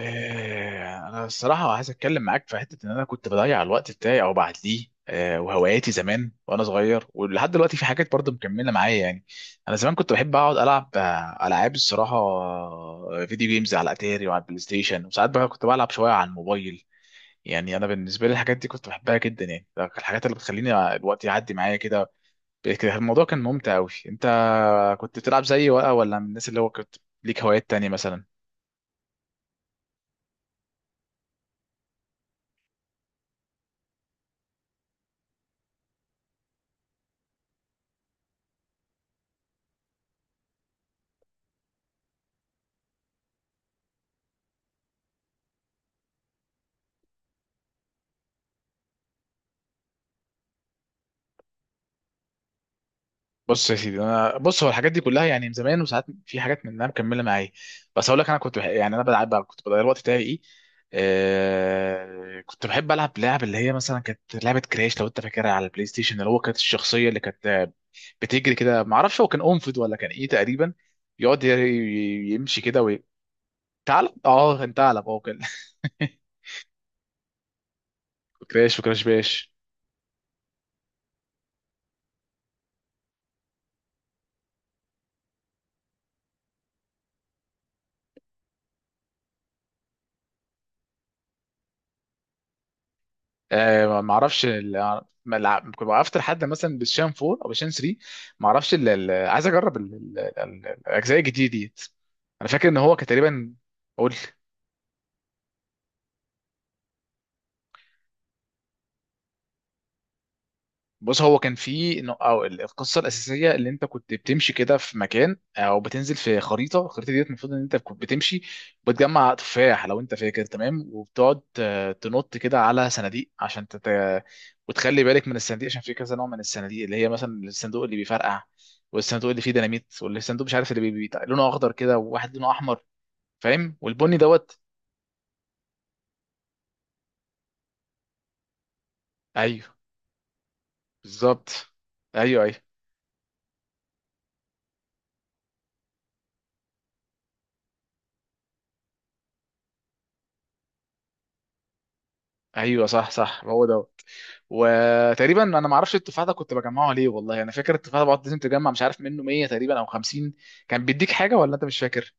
انا الصراحه عايز اتكلم معاك في حته ان انا كنت بضيع الوقت بتاعي او بعديه، وهواياتي زمان وانا صغير، ولحد دلوقتي في حاجات برضه مكمله معايا يعني. انا زمان كنت بحب اقعد العب العاب الصراحه فيديو جيمز على اتاري وعلى البلاي ستيشن، وساعات بقى كنت بلعب شويه على الموبايل. يعني انا بالنسبه لي الحاجات دي كنت بحبها جدا، يعني ده كان الحاجات اللي بتخليني الوقت يعدي معايا كده. كده الموضوع كان ممتع قوي. انت كنت بتلعب زيي ولا من الناس اللي هو كنت ليك هوايات تانية مثلا؟ بص يا سيدي، انا بص هو الحاجات دي كلها يعني من زمان، وساعات في حاجات منها مكمله معايا. بس اقول لك انا يعني انا كنت بضيع الوقت بتاعي ايه. كنت بحب العب لعب اللي هي مثلا كانت لعبه كراش، لو انت فاكرها، على البلاي ستيشن اللي هو كانت الشخصيه اللي كانت بتجري كده، ما اعرفش هو كان انفد ولا كان ايه تقريبا. يقعد يمشي كده ثعلب، اه، كان ثعلب، اه، كان. كراش، وكراش باش. ما اعرفش ال- ما الع- كنت وقفت لحد مثلا بالشان 4 او بالشان 3، ما اعرفش عايز اجرب الاجزاء الجديده ديت. انا فاكر ان هو كان تقريبا. قول. بص هو كان في او القصه الاساسيه، اللي انت كنت بتمشي كده في مكان او بتنزل في خريطه، الخريطه ديت المفروض ان انت كنت بتمشي وبتجمع تفاح، لو انت فاكر تمام، وبتقعد تنط كده على صناديق وتخلي بالك من الصناديق، عشان في كذا نوع من الصناديق، اللي هي مثلا الصندوق اللي بيفرقع، والصندوق اللي فيه ديناميت، والصندوق مش عارف اللي لونه اخضر كده، وواحد لونه احمر. فاهم؟ والبني دوت. ايوه، بالظبط. ايوه، ايوه. ايوه، صح، صح، هو ده. وتقريبا انا ما اعرفش التفاحه ده كنت بجمعه ليه، والله انا فاكر التفاحه ده بقعد لازم تجمع، مش عارف منه 100 تقريبا او 50، كان بيديك حاجه ولا انت مش فاكر؟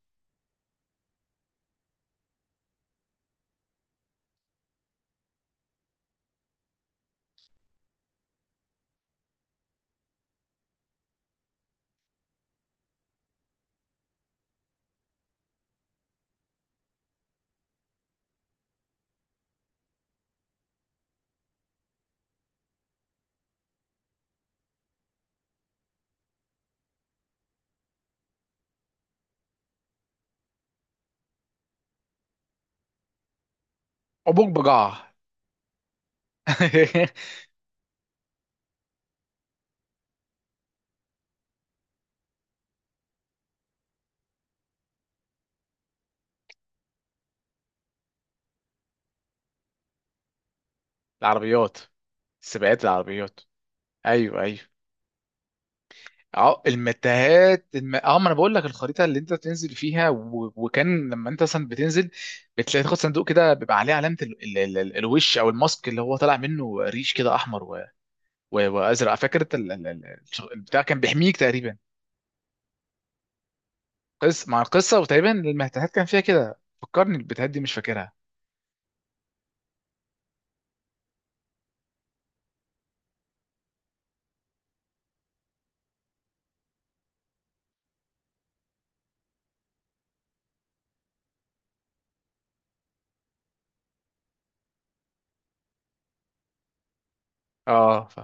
عبوك بجعه. العربيات. سباقات العربيات. ايوه، ايوه. اه، المتاهات اه، ما انا بقول لك الخريطه اللي انت بتنزل فيها وكان لما انت مثلا بتنزل بتلاقي تاخد صندوق كده، بيبقى عليه علامه الوش، او الماسك، اللي هو طالع منه ريش كده احمر وازرق، فاكر انت البتاع كان بيحميك تقريبا. قصة مع القصة، وتقريبا المهتهات كان فيها كده، فكرني البتهات دي مش فاكرها. اه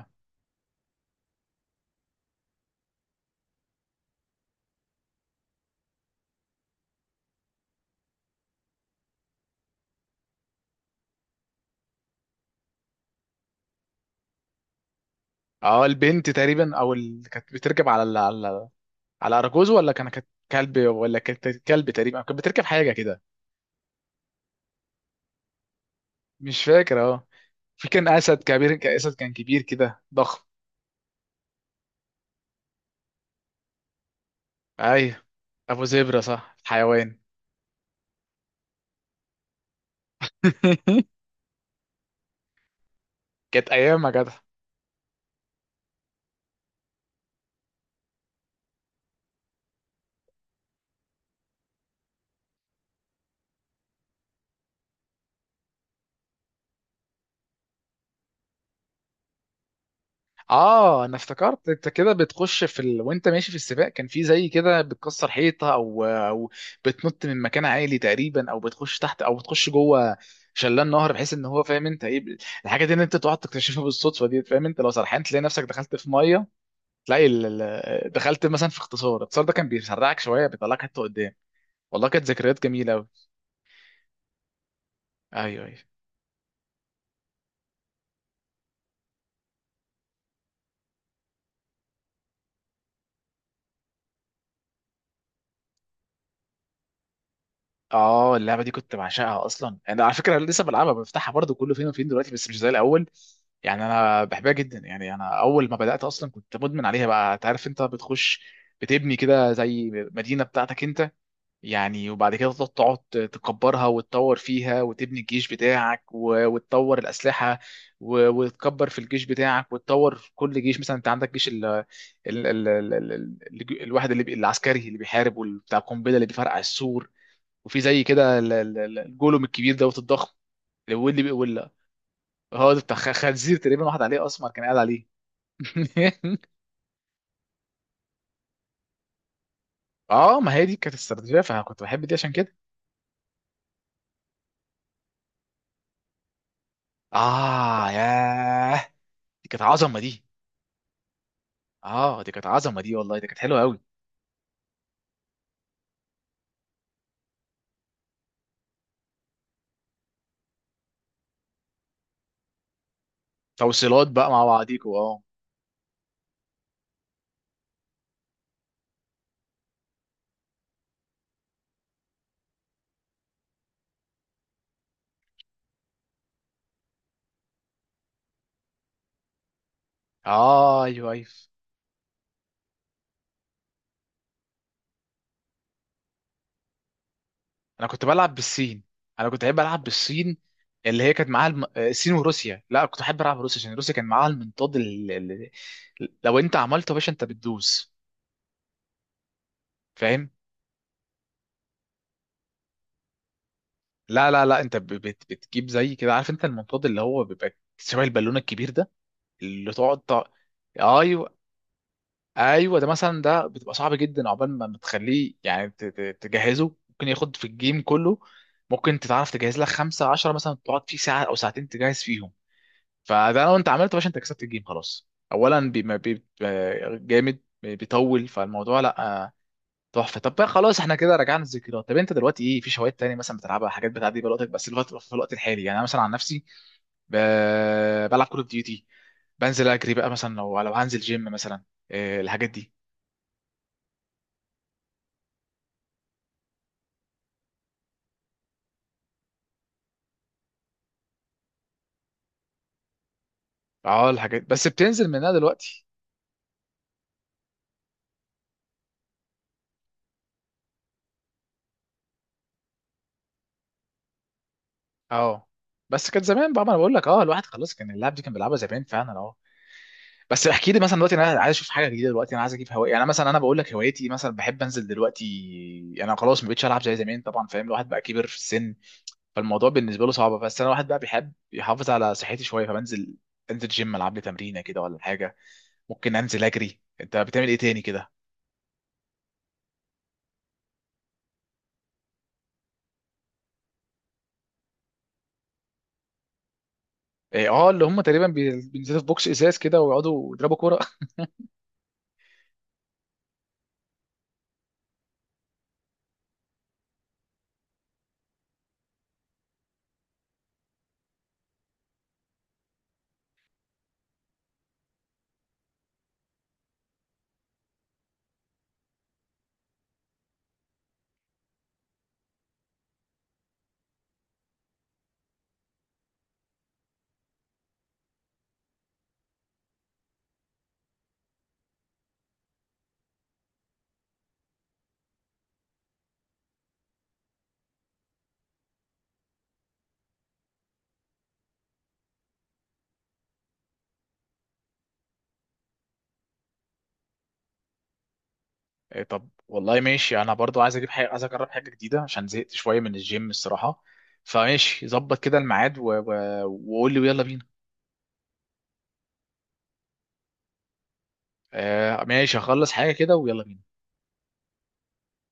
اه، البنت تقريبا، او اللي كانت بتركب على على على اراجوز، ولا كانت كلب، ولا كانت كلب تقريبا، كانت بتركب حاجة كده. مش فاكر اه. في كان اسد كبير، كان اسد، كان كبير كده ضخم. ايوه. ابو زبرة صح، حيوان. كانت ايام يا جدع. اه انا افتكرت انت كده بتخش في وانت ماشي في السباق، كان في زي كده بتكسر حيطه او بتنط من مكان عالي تقريبا، او بتخش تحت او بتخش جوه شلال نهر، بحيث ان هو فاهم انت ايه الحاجه دي، ان انت تقعد تكتشفها بالصدفه دي، فاهم، انت لو سرحان تلاقي نفسك دخلت في ميه، تلاقي دخلت مثلا في اختصار، الاختصار ده كان بيسرعك شويه، بيطلعك حته قدام. والله كانت ذكريات جميله قوي. ايوه، ايوه. اه، اللعبه دي كنت بعشقها اصلا، انا على فكره لسه بلعبها، بفتحها برضه كله فين وفين دلوقتي، بس مش زي الاول. يعني انا بحبها جدا، يعني انا اول ما بدات اصلا كنت مدمن عليها بقى، انت عارف انت بتخش بتبني كده زي مدينه بتاعتك انت، يعني وبعد كده تقعد تكبرها وتطور فيها، وتبني الجيش بتاعك و- وتطور الاسلحه، و- وتكبر في الجيش بتاعك، وتطور في كل جيش. مثلا انت عندك جيش ال الواحد اللي العسكري اللي بيحارب، وبتاع القنبله اللي بيفرقع السور، وفي زي كده الجولوم الكبير دوت الضخم، اللي ولا هو ده بتاع خنزير تقريبا، واحد عليه اسمر كان قاعد عليه. اه، ما هي دي كانت استراتيجيه، فانا كنت بحب دي عشان كده. اه، ياه، دي كانت عظمه دي. اه، دي كانت عظمه دي، والله دي كانت حلوه قوي. توصيلات بقى مع بعضيكوا اه. اه، ايوه، ايوه. انا كنت بلعب بالصين. انا كنت بحب العب بالصين. اللي هي كانت معاها الصين وروسيا، لا كنت احب العب روسيا، عشان روسيا كان معاها المنطاد لو انت عملته يا باشا انت بتدوس. فاهم؟ لا، لا، لا، انت ب- بت بتجيب زي كده، عارف؟ انت المنطاد اللي هو بيبقى شبه البالونه الكبير ده، اللي تقعد ايوه، ايوه، ده مثلا، ده بتبقى صعب جدا عقبال ما بتخليه يعني تجهزه، ممكن ياخد في الجيم كله، ممكن انت تعرف تجهز لك 15 مثلا، تقعد فيه ساعة أو ساعتين تجهز فيهم. فده لو انت عملته يا باشا انت كسبت الجيم خلاص. أولا بي ما بي جامد، بيطول فالموضوع، لا. تحفه. طب بقى خلاص، احنا كده رجعنا الذكريات. طب انت دلوقتي ايه، في هوايات تاني مثلا بتلعبها، حاجات بتعدي بيها وقتك بس الوقت في الوقت الحالي؟ يعني انا مثلا عن نفسي ب... بلعب كول اوف ديوتي، بنزل اجري بقى مثلا، لو هنزل جيم مثلا. إيه الحاجات دي؟ اه، الحاجات بس بتنزل منها دلوقتي. اه، بس كان زمان بقى، ما انا بقول لك، اه الواحد خلاص، كان اللعب دي كان بيلعبها زمان فعلا اه، بس احكي لي مثلا دلوقتي، انا عايز اشوف حاجه جديده، دلوقتي انا عايز اجيب هوايه. يعني مثلا انا بقول لك هوايتي، مثلا بحب انزل دلوقتي، انا خلاص ما بقتش العب زي زمان طبعا، فاهم، الواحد بقى كبر في السن، فالموضوع بالنسبه له صعب، بس انا واحد بقى بيحب يحافظ على صحتي شويه، فبنزل انزل جيم العب لي تمرينه كده ولا حاجه، ممكن انزل اجري. انت بتعمل ايه تاني كده؟ إيه، اه، اللي هم تقريبا بينزلوا في بوكس ازاز كده ويقعدوا يضربوا كوره. إيه، طب والله ماشي، انا برضو عايز اجيب حاجه، عايز اجرب حاجه جديده عشان زهقت شويه من الجيم الصراحه، فماشي، ظبط كده الميعاد و- و- وقول لي ويلا بينا. ماشي، هخلص حاجه كده ويلا بينا.